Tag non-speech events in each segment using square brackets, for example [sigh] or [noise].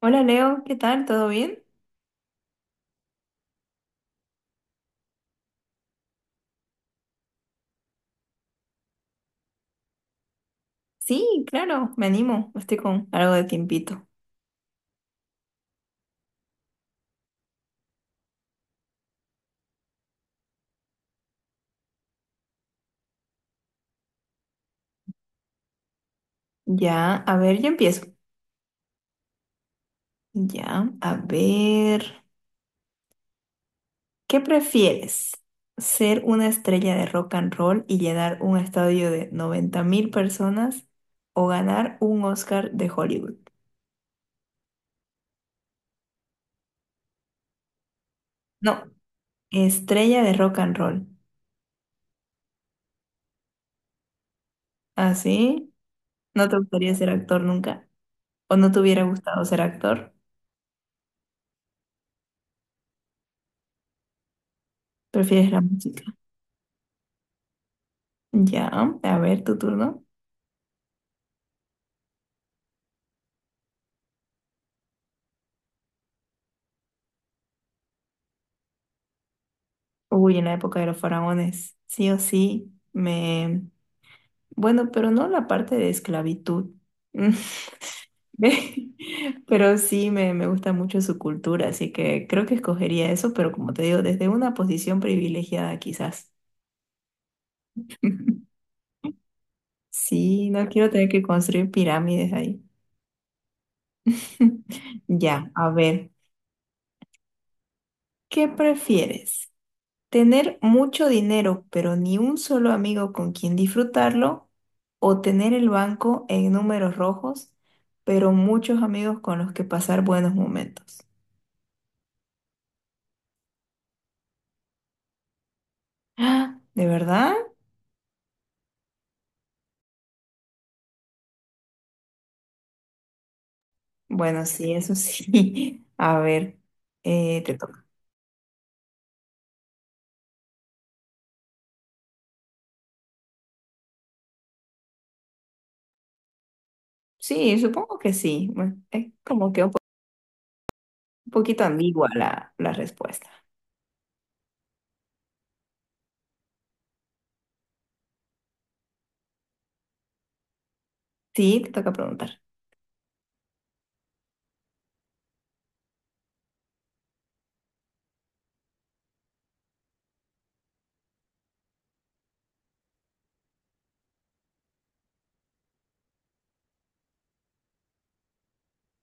Hola Leo, ¿qué tal? ¿Todo bien? Sí, claro, me animo, estoy con algo de tiempito. Ya, a ver, yo empiezo. Ya, a ver, ¿qué prefieres? ¿Ser una estrella de rock and roll y llenar un estadio de 90 mil personas o ganar un Oscar de Hollywood? No, estrella de rock and roll. ¿Así? ¿No te gustaría ser actor nunca? ¿O no te hubiera gustado ser actor? ¿Prefieres la música? Ya, a ver, tu turno. Uy, en la época de los faraones, sí o sí, me... Bueno, pero no la parte de esclavitud. [laughs] Ve, [laughs] pero sí me gusta mucho su cultura, así que creo que escogería eso, pero como te digo, desde una posición privilegiada quizás. [laughs] Sí, no quiero tener que construir pirámides ahí. [laughs] Ya, a ver, ¿qué prefieres? Tener mucho dinero, pero ni un solo amigo con quien disfrutarlo, o tener el banco en números rojos, pero muchos amigos con los que pasar buenos momentos. ¡Ah! ¿De verdad? Bueno, sí, eso sí. [laughs] A ver, te toca. Sí, supongo que sí. Bueno, es como que un, un poquito ambigua la respuesta. Sí, te toca preguntar.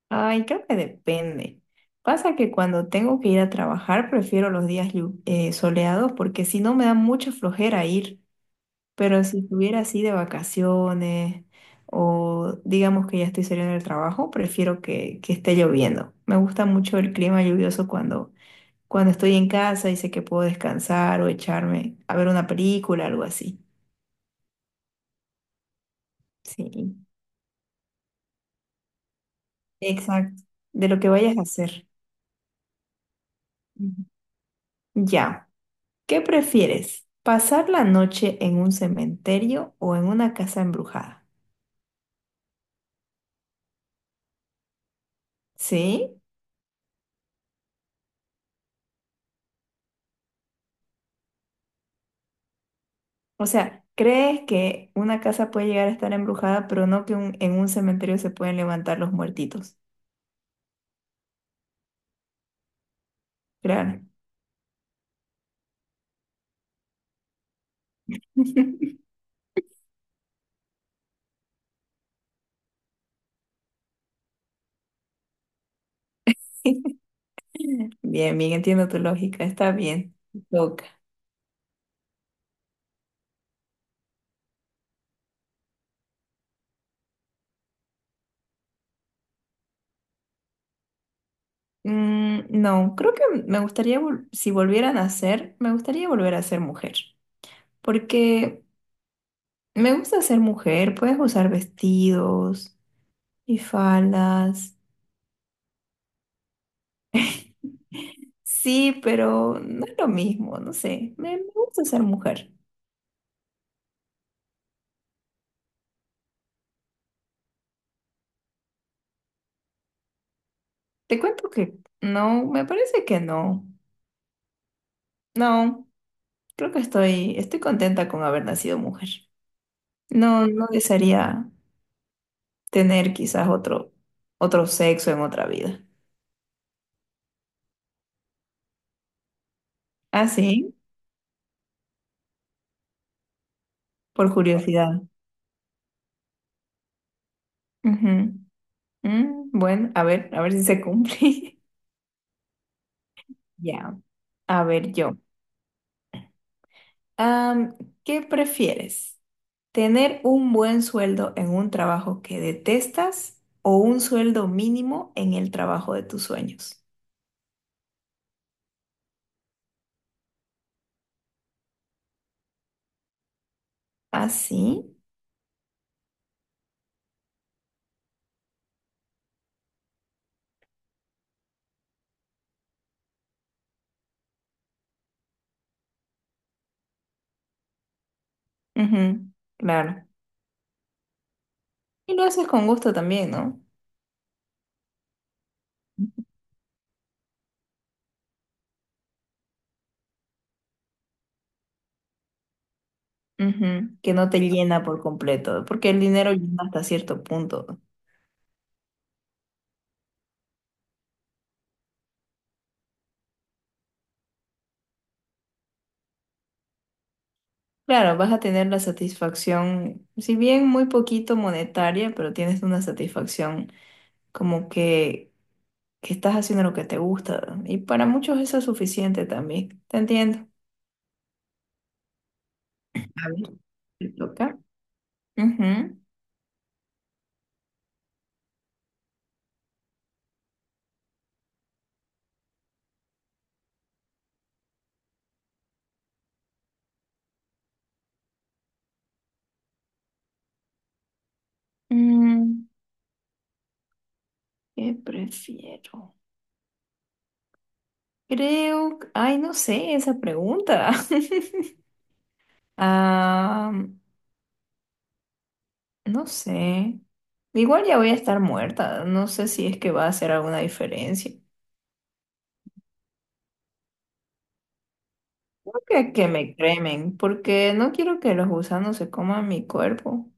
Ay, creo que depende. Pasa que cuando tengo que ir a trabajar, prefiero los días soleados porque si no me da mucha flojera ir. Pero si estuviera así de vacaciones o digamos que ya estoy saliendo del trabajo, prefiero que esté lloviendo. Me gusta mucho el clima lluvioso cuando, cuando estoy en casa y sé que puedo descansar o echarme a ver una película, algo así. Sí, exacto. De lo que vayas a hacer. Ujú. Ya. ¿Qué prefieres? ¿Pasar la noche en un cementerio o en una casa embrujada? ¿Sí? O sea, ¿crees que una casa puede llegar a estar embrujada, pero no que en un cementerio se pueden levantar los muertitos? Claro. [laughs] Bien, bien, entiendo tu lógica, está bien. Toca. Mm, no, creo que me gustaría, si volvieran a ser, me gustaría volver a ser mujer, porque me gusta ser mujer, puedes usar vestidos y faldas. Sí, pero no es lo mismo, no sé. Me gusta ser mujer. Te cuento que no, me parece que no. No, creo que estoy contenta con haber nacido mujer. No, no desearía tener quizás otro sexo en otra vida. Ah, sí, por curiosidad. Ujú. Mm, bueno, a ver si se cumple. [laughs] Ya, a ver yo. Am, ¿Qué prefieres? ¿Tener un buen sueldo en un trabajo que detestas o un sueldo mínimo en el trabajo de tus sueños? Ah, sí. Ujú, claro. Y lo haces con gusto también, ¿no? Ujú, que no te llena por completo, porque el dinero llena hasta cierto punto. Claro, vas a tener la satisfacción, si bien muy poquito monetaria, pero tienes una satisfacción como que estás haciendo lo que te gusta. Y para muchos eso es suficiente también. Te entiendo. A ver, ¿te toca? Ujú. Mm, ¿qué prefiero? Creo, ay, no sé esa pregunta. [laughs] Ah, no sé. Igual ya voy a estar muerta. No sé si es que va a hacer alguna diferencia. Creo que me cremen, porque no quiero que los gusanos se coman mi cuerpo.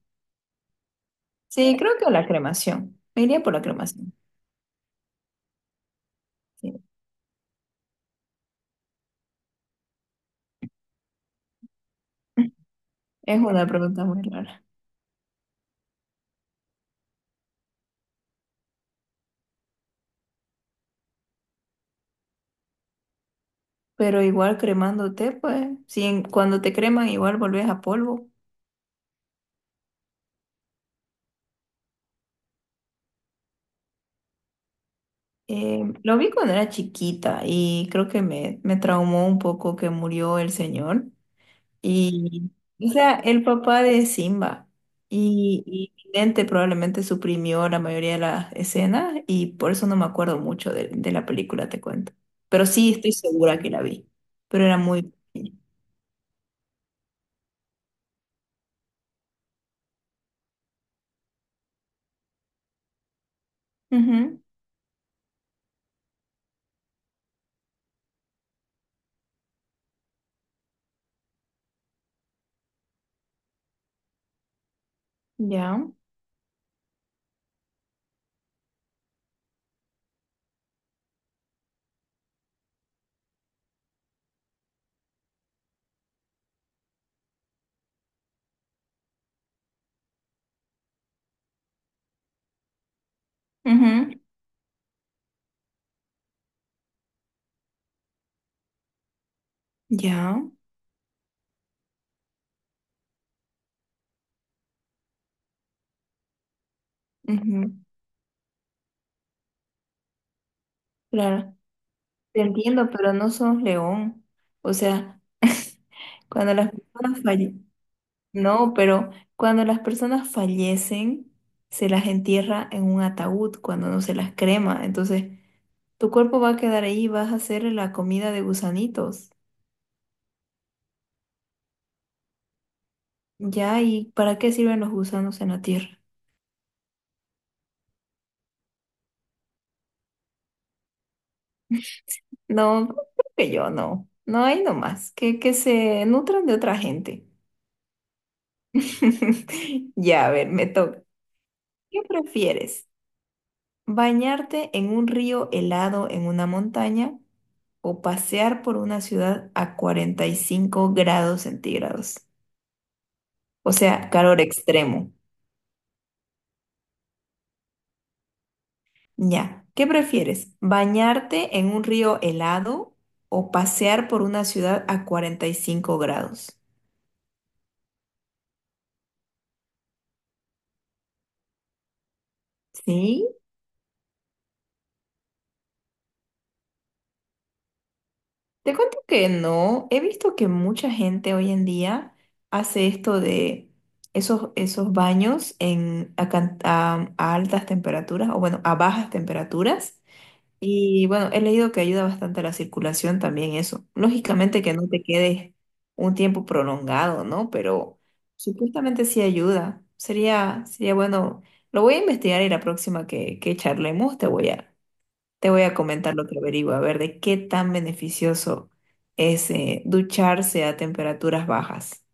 Sí, creo que la cremación. Me iría por la cremación. Sí. Es una pregunta muy rara. Pero igual cremándote, pues, si cuando te creman igual volvés a polvo. Lo vi cuando era chiquita y creo que me traumó un poco que murió el señor. Y, o sea, el papá de Simba. Y mi mente probablemente suprimió la mayoría de las escenas y por eso no me acuerdo mucho de la película, te cuento. Pero sí estoy segura que la vi. Pero era muy... pequeña. Ujú. Ya. Ujú. Ya. Ujú. Claro, te entiendo, pero no sos león. O sea, cuando las personas fallecen, no, pero cuando las personas fallecen, se las entierra en un ataúd cuando no se las crema. Entonces, tu cuerpo va a quedar ahí, vas a hacer la comida de gusanitos. Ya, ¿y para qué sirven los gusanos en la tierra? No, creo que yo no. No hay nomás, que se nutran de otra gente. [laughs] Ya, a ver, me toca. ¿Qué prefieres? Bañarte en un río helado en una montaña o pasear por una ciudad a 45 grados centígrados. O sea, calor extremo. Ya. ¿Qué prefieres? ¿Bañarte en un río helado o pasear por una ciudad a 45 grados? ¿Sí? Te cuento que no, he visto que mucha gente hoy en día hace esto de esos baños en, a, can- a altas temperaturas o bueno, a bajas temperaturas. Y bueno, he leído que ayuda bastante a la circulación también eso. Lógicamente que no te quedes un tiempo prolongado, ¿no? Pero supuestamente sí ayuda. Sería bueno, lo voy a investigar y la próxima que charlemos te voy a comentar lo que averiguo, a ver de qué tan beneficioso es ducharse a temperaturas bajas.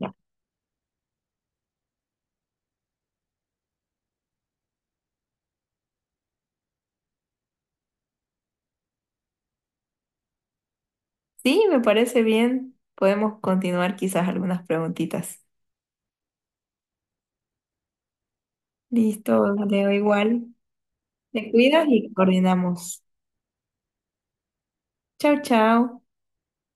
Ya. Sí, me parece bien. Podemos continuar quizás algunas preguntitas. Listo, leo igual. Te cuidas y coordinamos. Chao, chao.